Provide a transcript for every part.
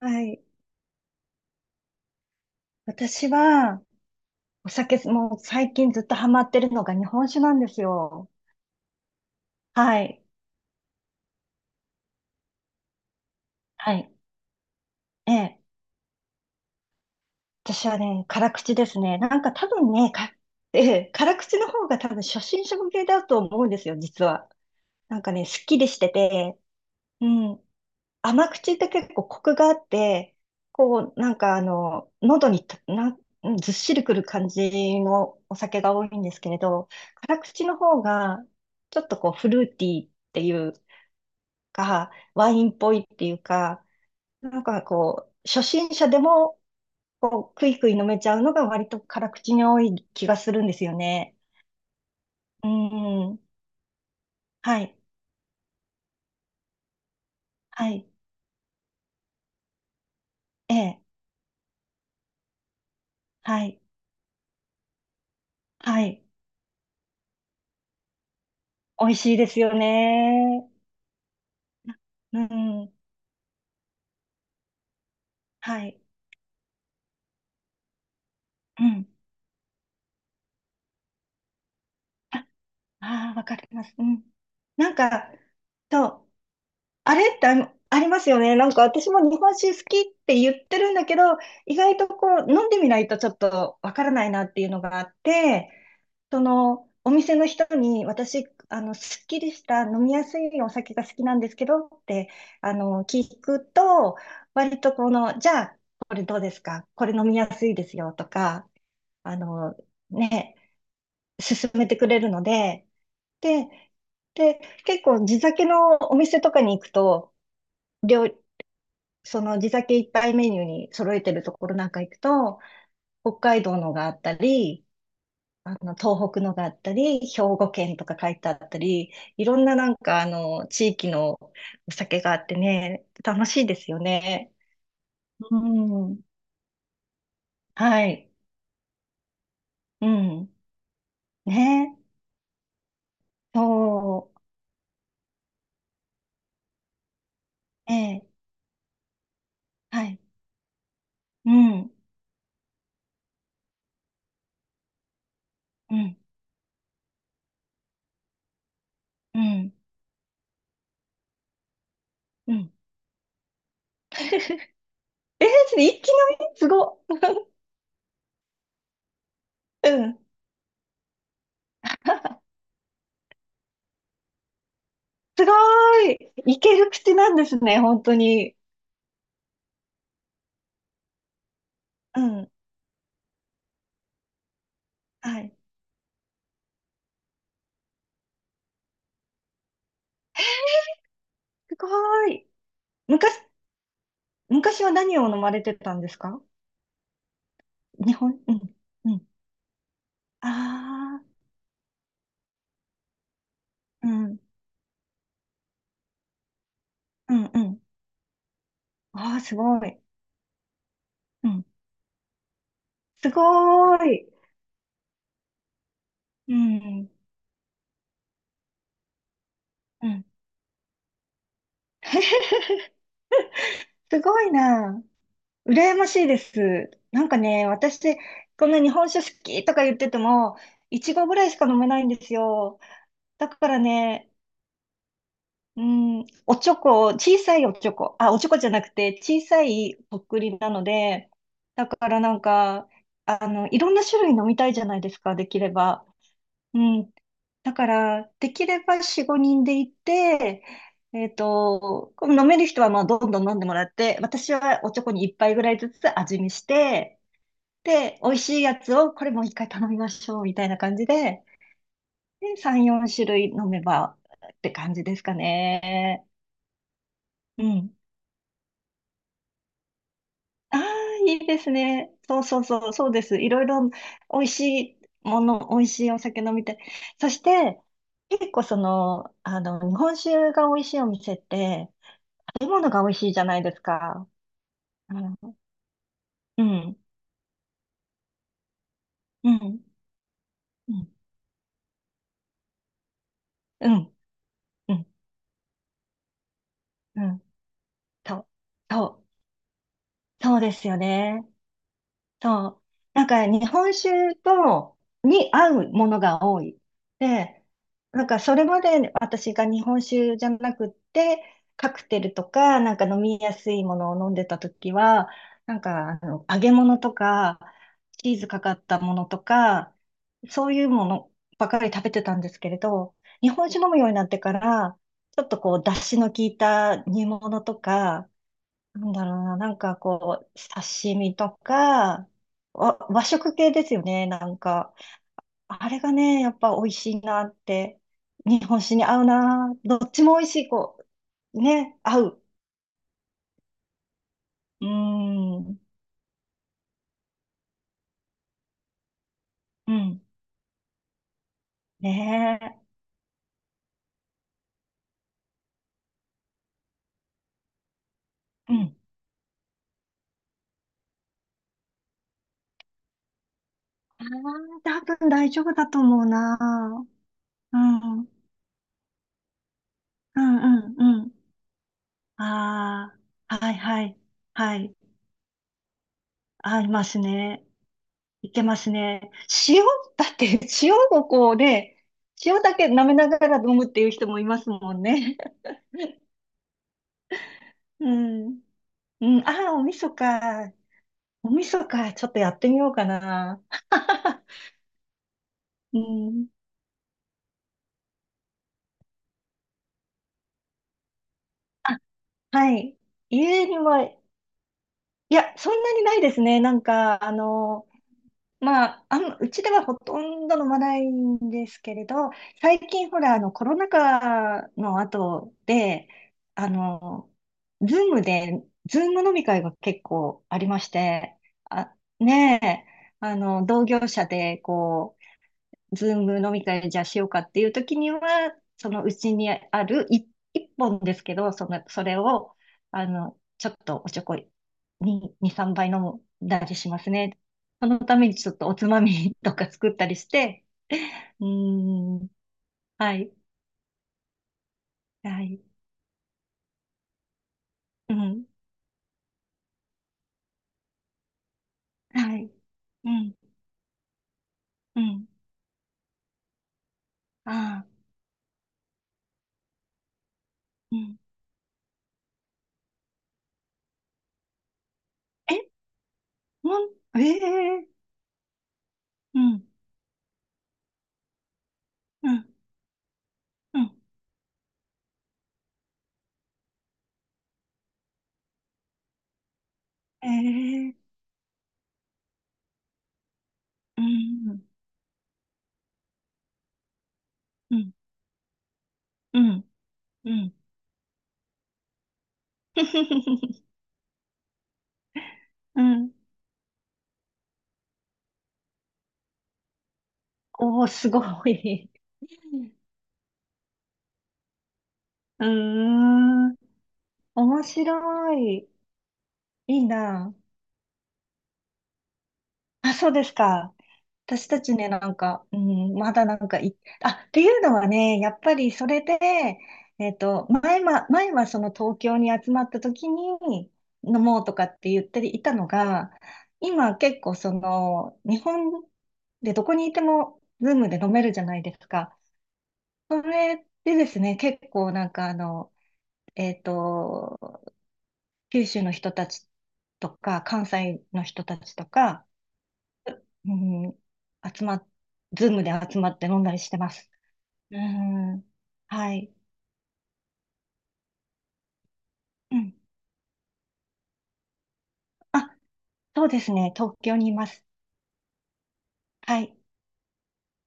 はい。私は、お酒、もう最近ずっとハマってるのが日本酒なんですよ。はい。はい。ええ。私はね、辛口ですね。なんか多分ね、ええ、辛口の方が多分初心者向けだと思うんですよ、実は。なんかね、すっきりしてて、うん。甘口って結構コクがあって、こう、なんかあの、喉にたなん、ずっしりくる感じのお酒が多いんですけれど、辛口の方が、ちょっとこう、フルーティーっていう、ワインっぽいっていうか、なんかこう、初心者でも、こう、クイクイ飲めちゃうのが割と辛口に多い気がするんですよね。うん。はい。はい。ええ。はい。はい。美味しいですよね。うん。はい。うん。ああー、わかります。うん。なんか、そう。あれってあのありますよね。なんか私も日本酒好きって言ってるんだけど、意外とこう飲んでみないとちょっとわからないなっていうのがあって、そのお店の人に私、あの、すっきりした飲みやすいお酒が好きなんですけどって、あの、聞くと、割とこの、じゃあ、これどうですか？これ飲みやすいですよとか、あの、ね、勧めてくれるので、で、で、結構地酒のお店とかに行くと、料その地酒いっぱいメニューに揃えてるところなんか行くと、北海道のがあったり、あの、東北のがあったり、兵庫県とか書いてあったり、いろんななんかあの、地域のお酒があってね、楽しいですよね。うん。はい。うん。ね。そう。ええ。はい。うん。うん。うん。うん。えー、それ一気飲みすご。うん。すごーい。いける口なんですね、本当に。うん。はい。すごーい。昔、昔は何を飲まれてたんですか？うん。うん。ああ、うん。うん、うん。ああ、すごい。うん。すごーい。うん。うん。すごいな。羨ましいです。なんかね、私、こんな日本酒好きとか言ってても、いちごぐらいしか飲めないんですよ。だからね、うん、おちょこ、小さいおちょこ、あ、おちょこじゃなくて、小さいとっくりなので、だからなんか、あの、いろんな種類飲みたいじゃないですか、できれば。うん。だから、できれば4、5人で行って、この飲める人はまあどんどん飲んでもらって、私はおちょこに1杯ぐらいずつ味見して、で、美味しいやつをこれもう一回頼みましょう、みたいな感じで、で、3、4種類飲めばって感じですかね。うん。ああ、いいですね。そうそうそう、そうです。いろいろ美味しいもの、美味しいお酒飲みたい。そして、結構その、あの、日本酒が美味しいお店って、食べ物が美味しいじゃないですか。あのうん、うん、うん、うん、うん、うん、そう、そう、そうですよね。そう。なんか日本酒と、に合うものが多い。で、なんかそれまで私が日本酒じゃなくって、カクテルとか、なんか飲みやすいものを飲んでた時は、なんかあの揚げ物とか、チーズかかったものとか、そういうものばかり食べてたんですけれど、日本酒飲むようになってから、ちょっとこう、出汁の効いた煮物とか、なんだろうな、なんかこう、刺身とか、和食系ですよね、なんか。あれがね、やっぱ美味しいなって、日本酒に合うな、どっちも美味しい、こう、ね、合う。うーん、うん、ねえ、うん。ああ、多分大丈夫だと思うな。うん、うん、うん、うん。ああ、はい、はい、はい。合いますね。いけますね。塩、だって 塩をこうね、塩だけ舐めながら飲むっていう人もいますもんね。うん。うん、ああ、お味噌か。お味噌か。ちょっとやってみようかな。うん。はい。家には、いや、そんなにないですね。なんか、あの、まあ、うちではほとんど飲まないんですけれど、最近ほら、あの、コロナ禍の後で、あの、ズーム飲み会が結構ありまして、あ、ねえ、あの、同業者で、こう、ズーム飲み会じゃあしようかっていう時には、そのうちにあるい一本ですけど、その、それを、あの、ちょっとおちょこに、2、3杯飲んだりしますね。そのためにちょっとおつまみとか作ったりして、うーん、はい、はい、うん、はい、うん、うん、ああ、うん。え、もん、ええうん、うん、うん、ええうん、うん、うん、うん。うん。おー、すごい。うーん。面白い。いいな。あ、そうですか？私たちね、なんか、うん、まだなんかい、あ、っていうのはね、やっぱりそれで、前はその東京に集まった時に飲もうとかって言っていたのが、今結構その、日本でどこにいても、ズームで飲めるじゃないですか。それでですね、結構なんかあの、えっと、九州の人たちとか、関西の人たちとか、うん、集まっ、ズームで集まって飲んだりしてます。うん、はい。うん。あ、そうですね。東京にいます。はい。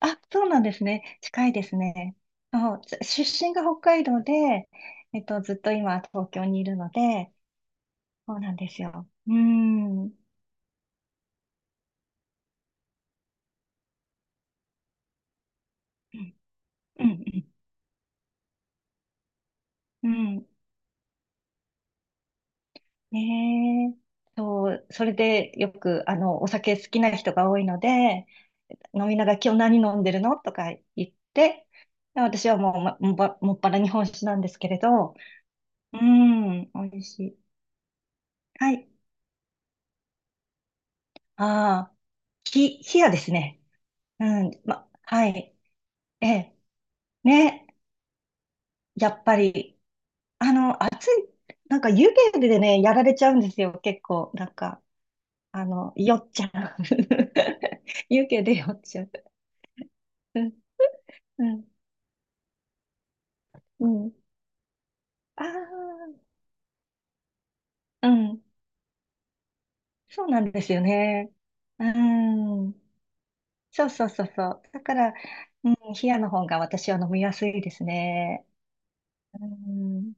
あ、そうなんですね。近いですね。そう、出身が北海道で、ずっと今東京にいるので、そうなんですよ。うん。うん。うん。うん。うんねえ。そう、それでよく、あの、お酒好きな人が多いので、飲みながら今日何飲んでるのとか言って、私はもう、ま、もっぱら日本酒なんですけれど、うん、美味しい。はい。ああ、冷やですね。うん、ま、はい。ええ、ね、やっぱり、あの、あ、なんか湯気でね、やられちゃうんですよ、結構。なんか、あの、酔っちゃう。湯気で酔っちゃう。うん、うんうん。ああ、うん。そうなんですよね。うん。そうそうそうそう。だから、うん、冷やの方が私は飲みやすいですね。うん。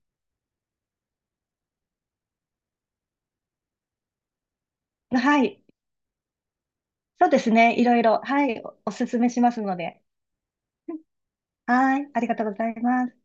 はい。そうですね。いろいろ。はい。おおすすめしますので。はい。ありがとうございます。